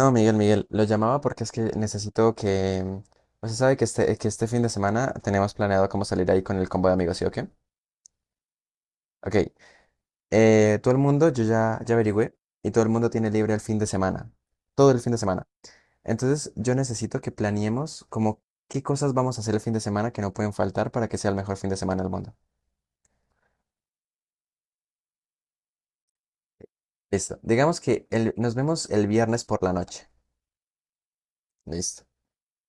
No, Miguel, lo llamaba porque es que necesito que... Usted sabe que este fin de semana tenemos planeado cómo salir ahí con el combo de amigos, ¿sí o qué? Ok, todo el mundo, ya averigüé, y todo el mundo tiene libre el fin de semana, todo el fin de semana. Entonces yo necesito que planeemos como qué cosas vamos a hacer el fin de semana que no pueden faltar para que sea el mejor fin de semana del mundo. Listo, digamos que nos vemos el viernes por la noche. Listo.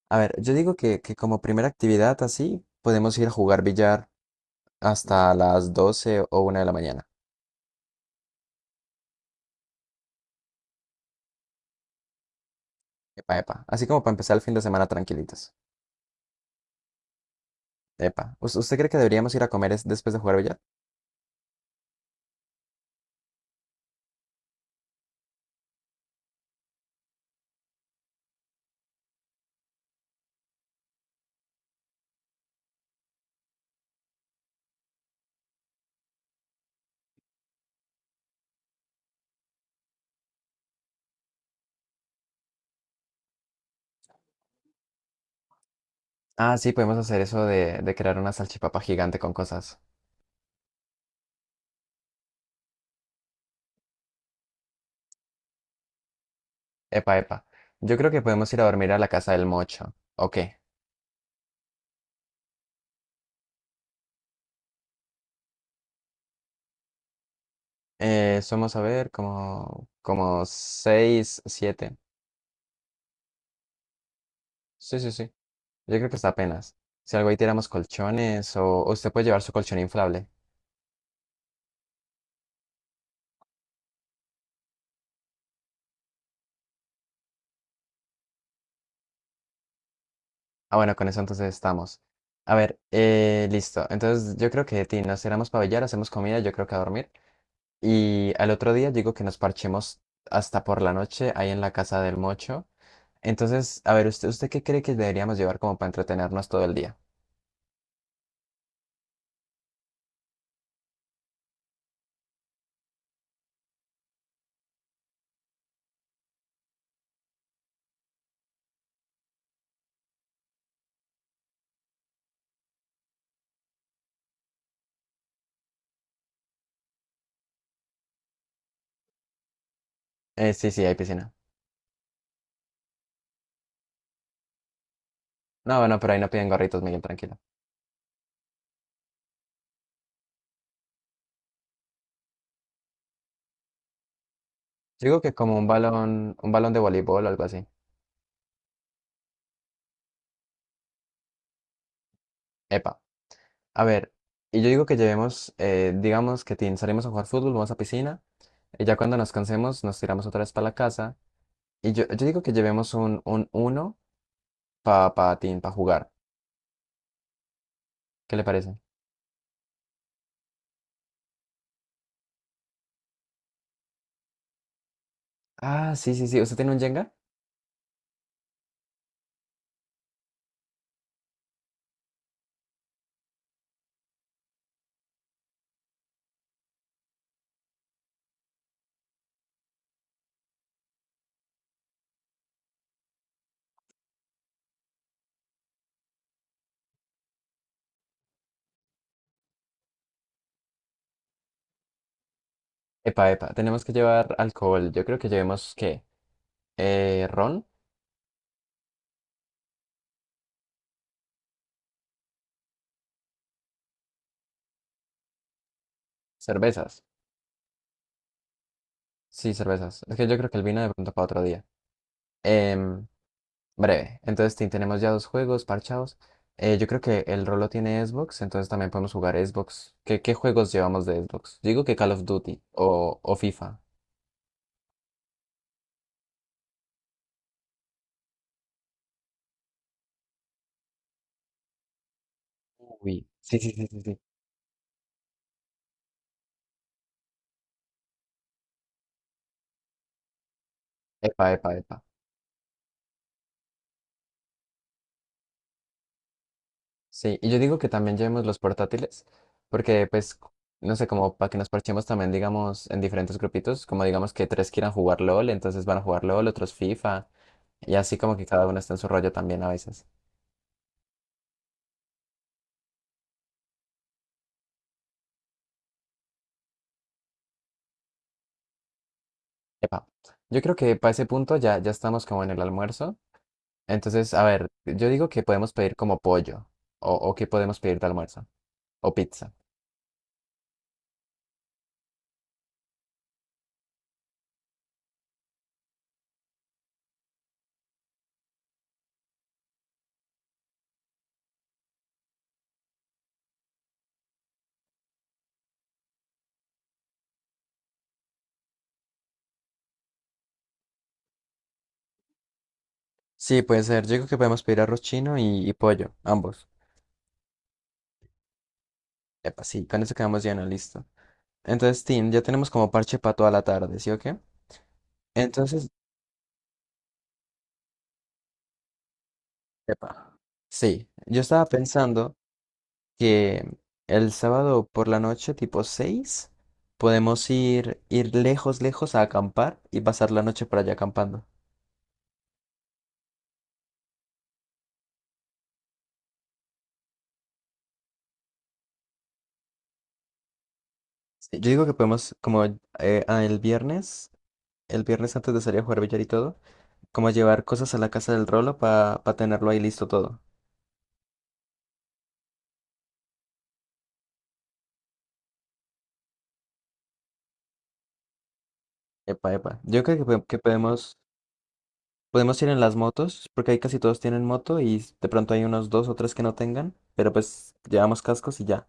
A ver, yo digo que como primera actividad así, podemos ir a jugar billar hasta las 12 o una de la mañana. Epa, epa. Así como para empezar el fin de semana tranquilitos. Epa. ¿Usted cree que deberíamos ir a comer después de jugar billar? Ah, sí, podemos hacer eso de crear una salchipapa gigante con cosas. Epa, epa. Yo creo que podemos ir a dormir a la casa del mocho. Ok. Somos, a ver, como 6 siete. Sí, sí, sí. Yo creo que está apenas. Si algo ahí tiramos colchones o usted puede llevar su colchón inflable. Ah, bueno, con eso entonces estamos. A ver, listo. Entonces yo creo que de ti nos tiramos para billar, hacemos comida, yo creo que a dormir. Y al otro día digo que nos parchemos hasta por la noche ahí en la casa del mocho. Entonces, a ver, usted qué cree que deberíamos llevar como para entretenernos todo el día? Sí, sí, hay piscina. No, bueno, pero ahí no piden gorritos, Miguel, tranquilo. Digo que como un balón de voleibol o algo así. Epa. A ver, y yo digo que llevemos, digamos que tin, salimos a jugar fútbol, vamos a piscina, y ya cuando nos cansemos nos tiramos otra vez para la casa, y yo digo que llevemos un uno para pa tin, pa jugar. ¿Qué le parece? Ah, sí, sí, sí, ¿usted tiene un Jenga? Epa, epa, tenemos que llevar alcohol, yo creo que llevemos, ¿qué? ¿Ron? ¿Cervezas? Sí, cervezas, es que yo creo que el vino de pronto para otro día. Em, Breve. Entonces, tin, tenemos ya dos juegos parchados. Yo creo que el Rolo tiene Xbox, entonces también podemos jugar Xbox. Qué juegos llevamos de Xbox? Digo que Call of Duty o FIFA. Uy, sí, sí, sí, sí, sí. Epa, epa, epa. Sí, y yo digo que también llevemos los portátiles, porque pues, no sé, como para que nos parchemos también, digamos, en diferentes grupitos, como digamos que tres quieran jugar LOL, entonces van a jugar LOL, otros FIFA, y así como que cada uno está en su rollo también a veces. Epa, yo creo que para ese punto ya estamos como en el almuerzo. Entonces, a ver, yo digo que podemos pedir como pollo. O que podemos pedir de almuerzo. O pizza. Sí, puede ser. Yo digo que podemos pedir arroz chino y pollo, ambos. Epa, sí, con eso quedamos llenos, listo. Entonces, Tim, ya tenemos como parche para toda la tarde, ¿sí o qué? Entonces, epa, sí, yo estaba pensando que el sábado por la noche, tipo 6, podemos ir, ir lejos, lejos a acampar y pasar la noche por allá acampando. Sí, yo digo que podemos, como eh, ah, el viernes, el viernes antes de salir a jugar billar y todo, como llevar cosas a la casa del Rolo para tenerlo ahí listo todo. Epa, epa. Yo creo que que podemos, podemos ir en las motos, porque ahí casi todos tienen moto y de pronto hay unos dos o tres que no tengan, pero pues llevamos cascos y ya.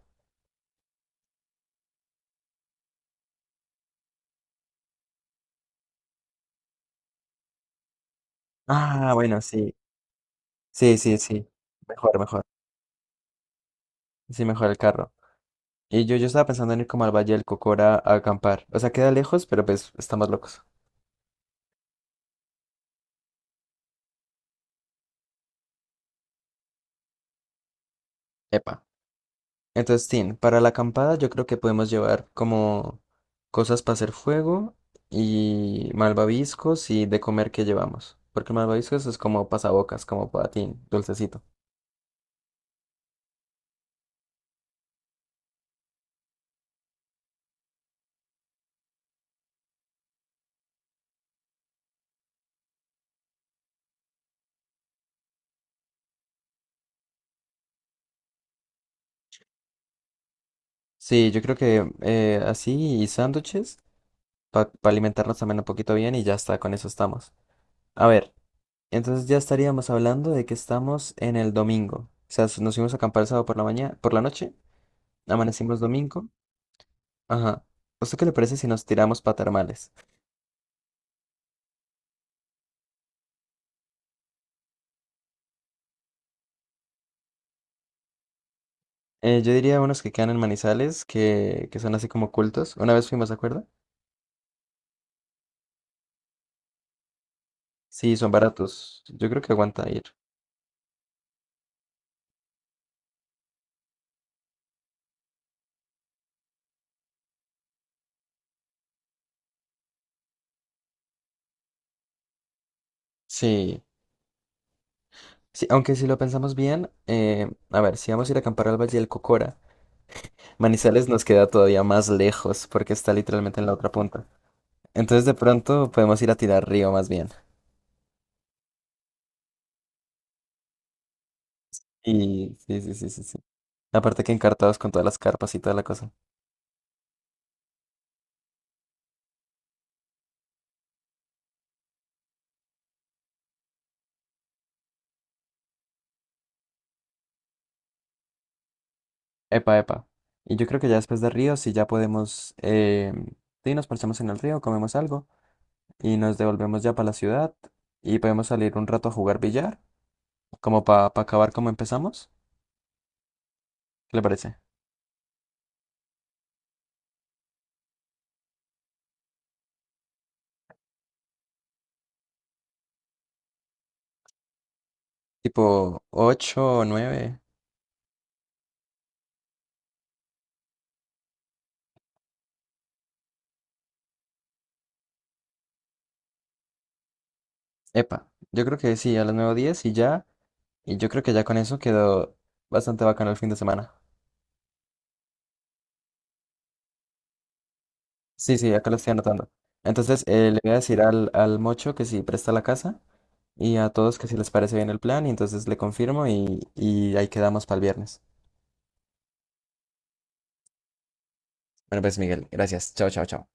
Ah, bueno, sí. Sí, sí, sí. Mejor, mejor. Sí, mejor el carro. Y yo estaba pensando en ir como al Valle del Cocora a acampar. O sea, queda lejos, pero pues estamos locos. Epa. Entonces, tin, para la acampada yo creo que podemos llevar como cosas para hacer fuego y malvaviscos y de comer que llevamos. Porque malvaviscos es como pasabocas, como para tin, dulcecito. Sí, yo creo que así y sándwiches para alimentarnos también un poquito bien y ya está, con eso estamos. A ver, entonces ya estaríamos hablando de que estamos en el domingo. O sea, nos fuimos a acampar el sábado por la mañana, por la noche, amanecimos domingo. Ajá. ¿Esto qué le parece si nos tiramos para termales? Yo diría unos que quedan en Manizales, que son así como cultos. Una vez fuimos, ¿de acuerdo? Sí, son baratos. Yo creo que aguanta ir. Sí. Sí, aunque si lo pensamos bien, a ver, si vamos a ir a acampar al Valle del Cocora, Manizales nos queda todavía más lejos porque está literalmente en la otra punta. Entonces de pronto podemos ir a tirar río más bien. Y sí, sí, sí, sí, sí. Aparte que encartados con todas las carpas y toda la cosa. Epa, epa. Y yo creo que ya después de río, sí ya podemos... sí, nos parchamos en el río, comemos algo. Y nos devolvemos ya para la ciudad y podemos salir un rato a jugar billar, como para acabar como empezamos. ¿Qué le parece? Tipo ocho o 9. Epa, yo creo que sí, a las nueve o 10 y ya. Y yo creo que ya con eso quedó bastante bacano el fin de semana. Sí, sí, acá lo estoy anotando. Entonces, le voy a decir al, al Mocho que si presta la casa y a todos que si les parece bien el plan y entonces le confirmo y ahí quedamos para el viernes. Bueno, pues Miguel, gracias. Chao, chao, chao.